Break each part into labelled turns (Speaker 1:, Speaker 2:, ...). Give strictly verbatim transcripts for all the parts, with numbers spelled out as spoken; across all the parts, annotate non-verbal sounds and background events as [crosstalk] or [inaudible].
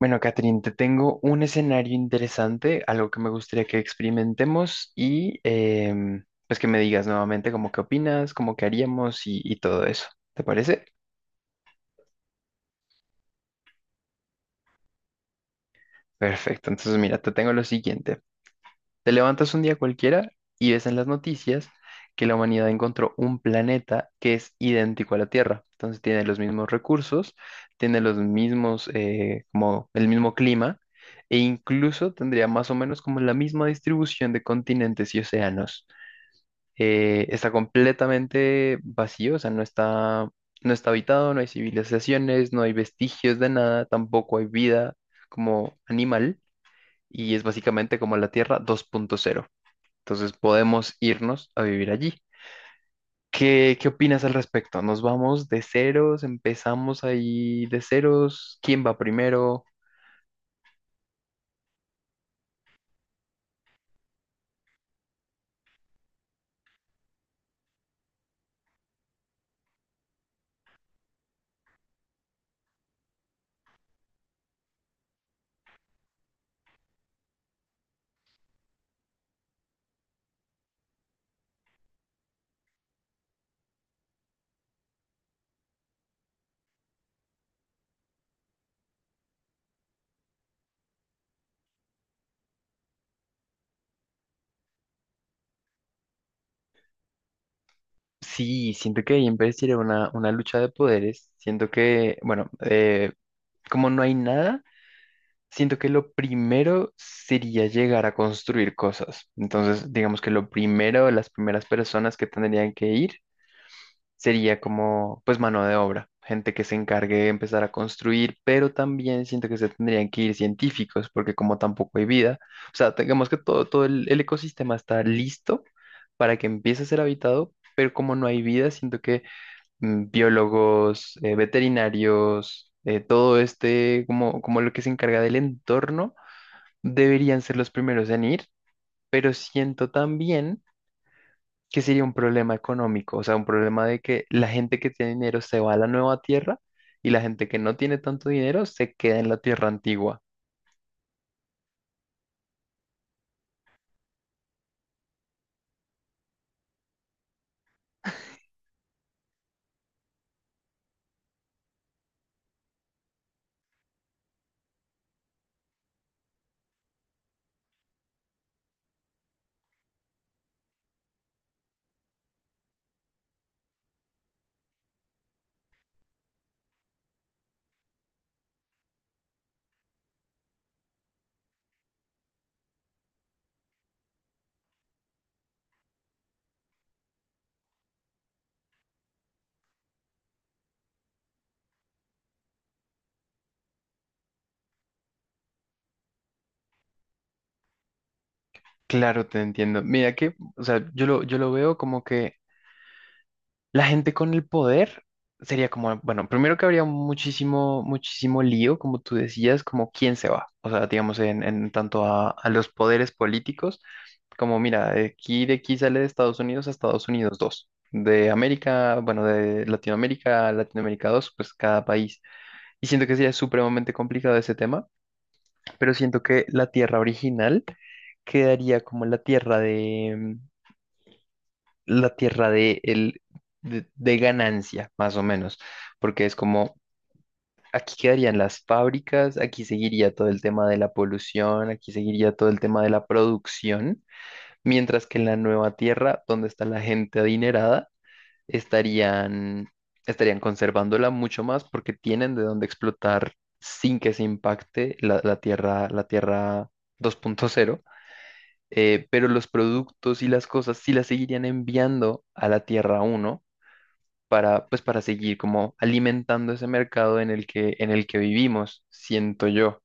Speaker 1: Bueno, Catherine, te tengo un escenario interesante, algo que me gustaría que experimentemos y em, pues que me digas nuevamente cómo qué opinas, cómo qué haríamos y, y todo eso. ¿Te parece? Perfecto, entonces mira, te tengo lo siguiente. Te levantas un día cualquiera y ves en las noticias que la humanidad encontró un planeta que es idéntico a la Tierra. Entonces tiene los mismos recursos, tiene los mismos, eh, como el mismo clima, e incluso tendría más o menos como la misma distribución de continentes y océanos. Eh, está completamente vacío, o sea, no está, no está habitado, no hay civilizaciones, no hay vestigios de nada, tampoco hay vida como animal, y es básicamente como la Tierra dos punto cero. Entonces podemos irnos a vivir allí. ¿Qué, qué opinas al respecto? ¿Nos vamos de ceros? ¿Empezamos ahí de ceros? ¿Quién va primero? Sí, siento que ahí empezaría una, una lucha de poderes. Siento que, bueno, eh, como no hay nada, siento que lo primero sería llegar a construir cosas. Entonces, digamos que lo primero, las primeras personas que tendrían que ir sería como pues mano de obra, gente que se encargue de empezar a construir, pero también siento que se tendrían que ir científicos, porque como tampoco hay vida, o sea, tengamos que todo, todo el, el ecosistema está listo para que empiece a ser habitado, pero como no hay vida, siento que mm, biólogos, eh, veterinarios, eh, todo este, como, como lo que se encarga del entorno, deberían ser los primeros en ir, pero siento también que sería un problema económico, o sea, un problema de que la gente que tiene dinero se va a la nueva tierra y la gente que no tiene tanto dinero se queda en la tierra antigua. Claro, te entiendo. Mira que, o sea, yo lo, yo lo veo como que la gente con el poder sería como, bueno, primero que habría muchísimo, muchísimo lío, como tú decías, como quién se va. O sea, digamos, en, en tanto a, a los poderes políticos, como mira, de aquí de aquí sale de Estados Unidos a Estados Unidos dos de América, bueno, de Latinoamérica a Latinoamérica dos, pues cada país. Y siento que sería supremamente complicado ese tema, pero siento que la tierra original quedaría como la tierra de la tierra de, el, de, de ganancia, más o menos, porque es como, aquí quedarían las fábricas, aquí seguiría todo el tema de la polución, aquí seguiría todo el tema de la producción, mientras que en la nueva tierra, donde está la gente adinerada, estarían, estarían conservándola mucho más porque tienen de dónde explotar sin que se impacte la, la tierra, la tierra dos punto cero. Eh, pero los productos y las cosas sí las seguirían enviando a la Tierra uno para, pues, para seguir como alimentando ese mercado en el que, en el que vivimos, siento yo.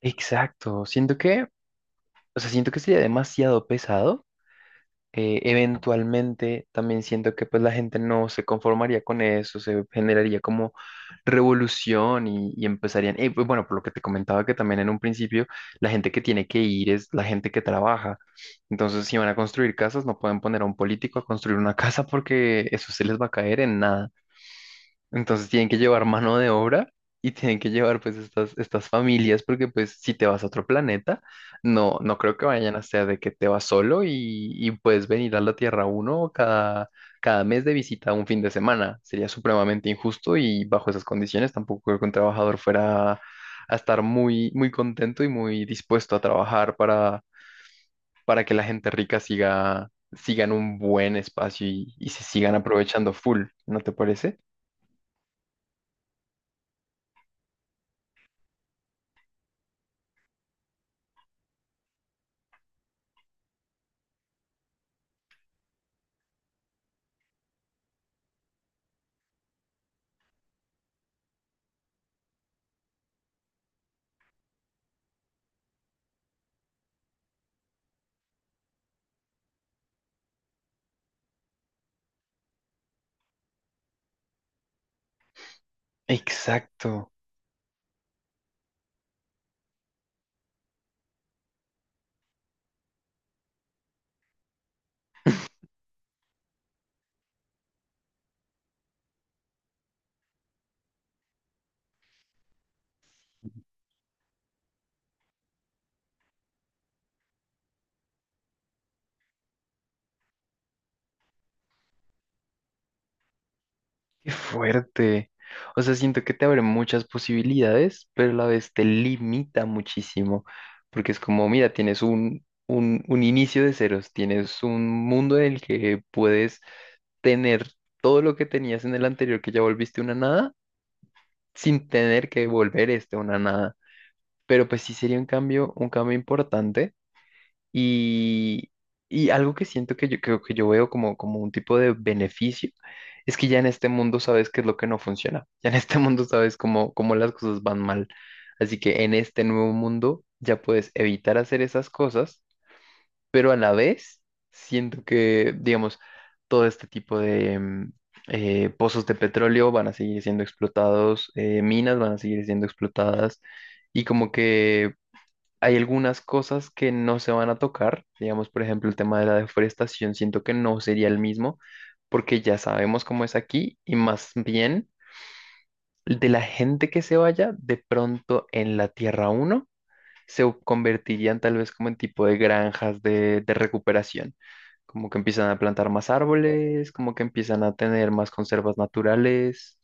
Speaker 1: Exacto, siento que, o sea, siento que sería demasiado pesado. Eh, eventualmente también siento que pues la gente no se conformaría con eso, se generaría como revolución y, y empezarían, eh, pues, bueno, por lo que te comentaba que también en un principio la gente que tiene que ir es la gente que trabaja. Entonces, si van a construir casas, no pueden poner a un político a construir una [laughs] casa porque eso se les va a caer en nada. Entonces tienen que llevar mano de obra y tienen que llevar pues estas, estas familias porque pues si te vas a otro planeta, no, no creo que vayan a ser de que te vas solo y, y puedes venir a la Tierra uno cada, cada mes de visita un fin de semana. Sería supremamente injusto y bajo esas condiciones tampoco creo que un trabajador fuera a estar muy, muy contento y muy dispuesto a trabajar para, para que la gente rica siga, siga en un buen espacio y, y se sigan aprovechando full, ¿no te parece? Exacto. Qué fuerte. O sea, siento que te abre muchas posibilidades, pero a la vez te limita muchísimo, porque es como, mira, tienes un, un, un inicio de ceros, tienes un mundo en el que puedes tener todo lo que tenías en el anterior, que ya volviste una nada, sin tener que volver este una nada. Pero pues sí sería un cambio, un cambio importante y, y algo que siento que yo, creo que yo veo como, como un tipo de beneficio es que ya en este mundo sabes qué es lo que no funciona. [laughs] Ya en este [laughs] mundo sabes cómo, cómo las cosas van mal. Así que en este nuevo mundo ya puedes evitar hacer esas cosas, pero a la vez siento que, digamos, todo este tipo de mm, eh, pozos de petróleo van a seguir siendo explotados, eh, minas van a seguir siendo explotadas. Y como que hay algunas cosas que no se van a tocar, digamos, por ejemplo, el tema de la deforestación, siento que no sería el mismo porque ya sabemos cómo es aquí y más bien de la gente que se vaya, de pronto en la Tierra Uno se u- convertirían tal vez como en tipo de granjas de, de recuperación, como que empiezan a plantar más árboles, como que empiezan a tener más conservas naturales.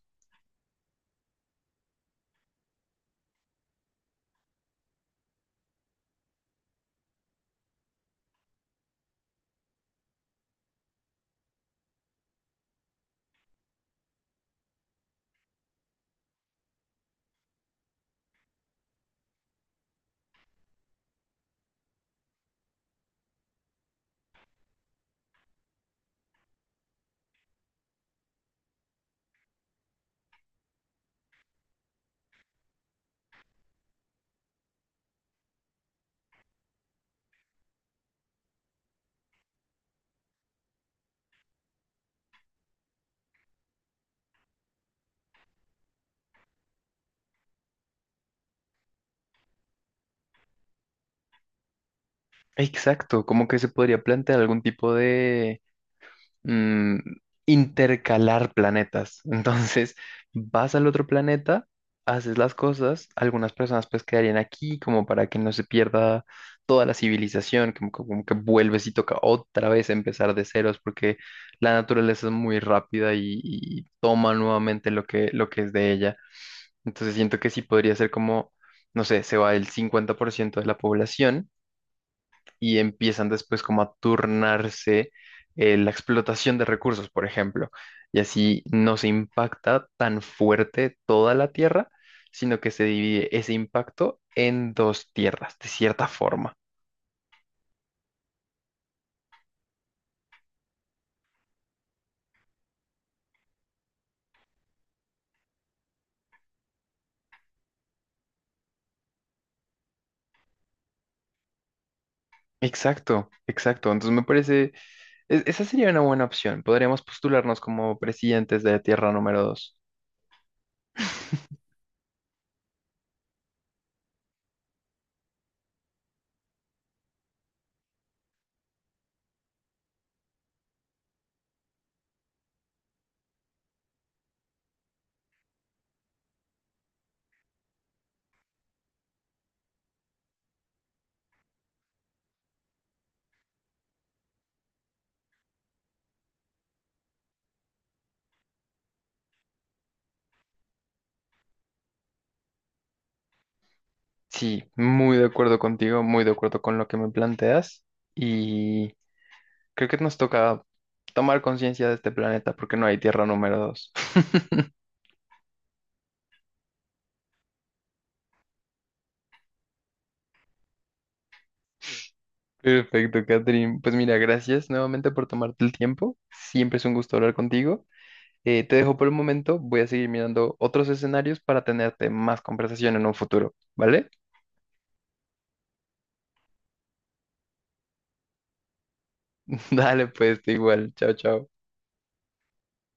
Speaker 1: Exacto, como que se podría plantear algún tipo, mm, intercalar planetas. Entonces, vas al otro planeta, haces las cosas, algunas personas pues quedarían aquí como para que no se pierda toda la civilización, como, que como que vuelves y toca otra vez empezar de ceros porque la naturaleza es muy rápida y, y toma nuevamente lo que, lo que es de ella. Entonces, siento que sí podría ser como, no sé, se va el cincuenta por ciento de la población y empiezan después como a turnarse, eh, la explotación de recursos, por ejemplo. Y así no se impacta tan fuerte toda la tierra, sino que se divide ese impacto en dos tierras, de cierta forma. Exacto, exacto. Entonces me parece, es- esa sería una buena opción. Podríamos postularnos como presidentes de tierra número dos. Sí, muy de acuerdo contigo, muy de acuerdo con lo que me planteas. Creo que nos toca tomar conciencia de este planeta porque no hay tierra número dos. [laughs] Perfecto, Catherine. Pues mira, gracias nuevamente por tomarte el tiempo. Siempre es un gusto hablar contigo. Eh, te dejo por el momento. Voy a seguir mirando otros escenarios para tenerte más conversación en un futuro, ¿vale? [laughs] Dale, pues, tú igual. Chao, chao.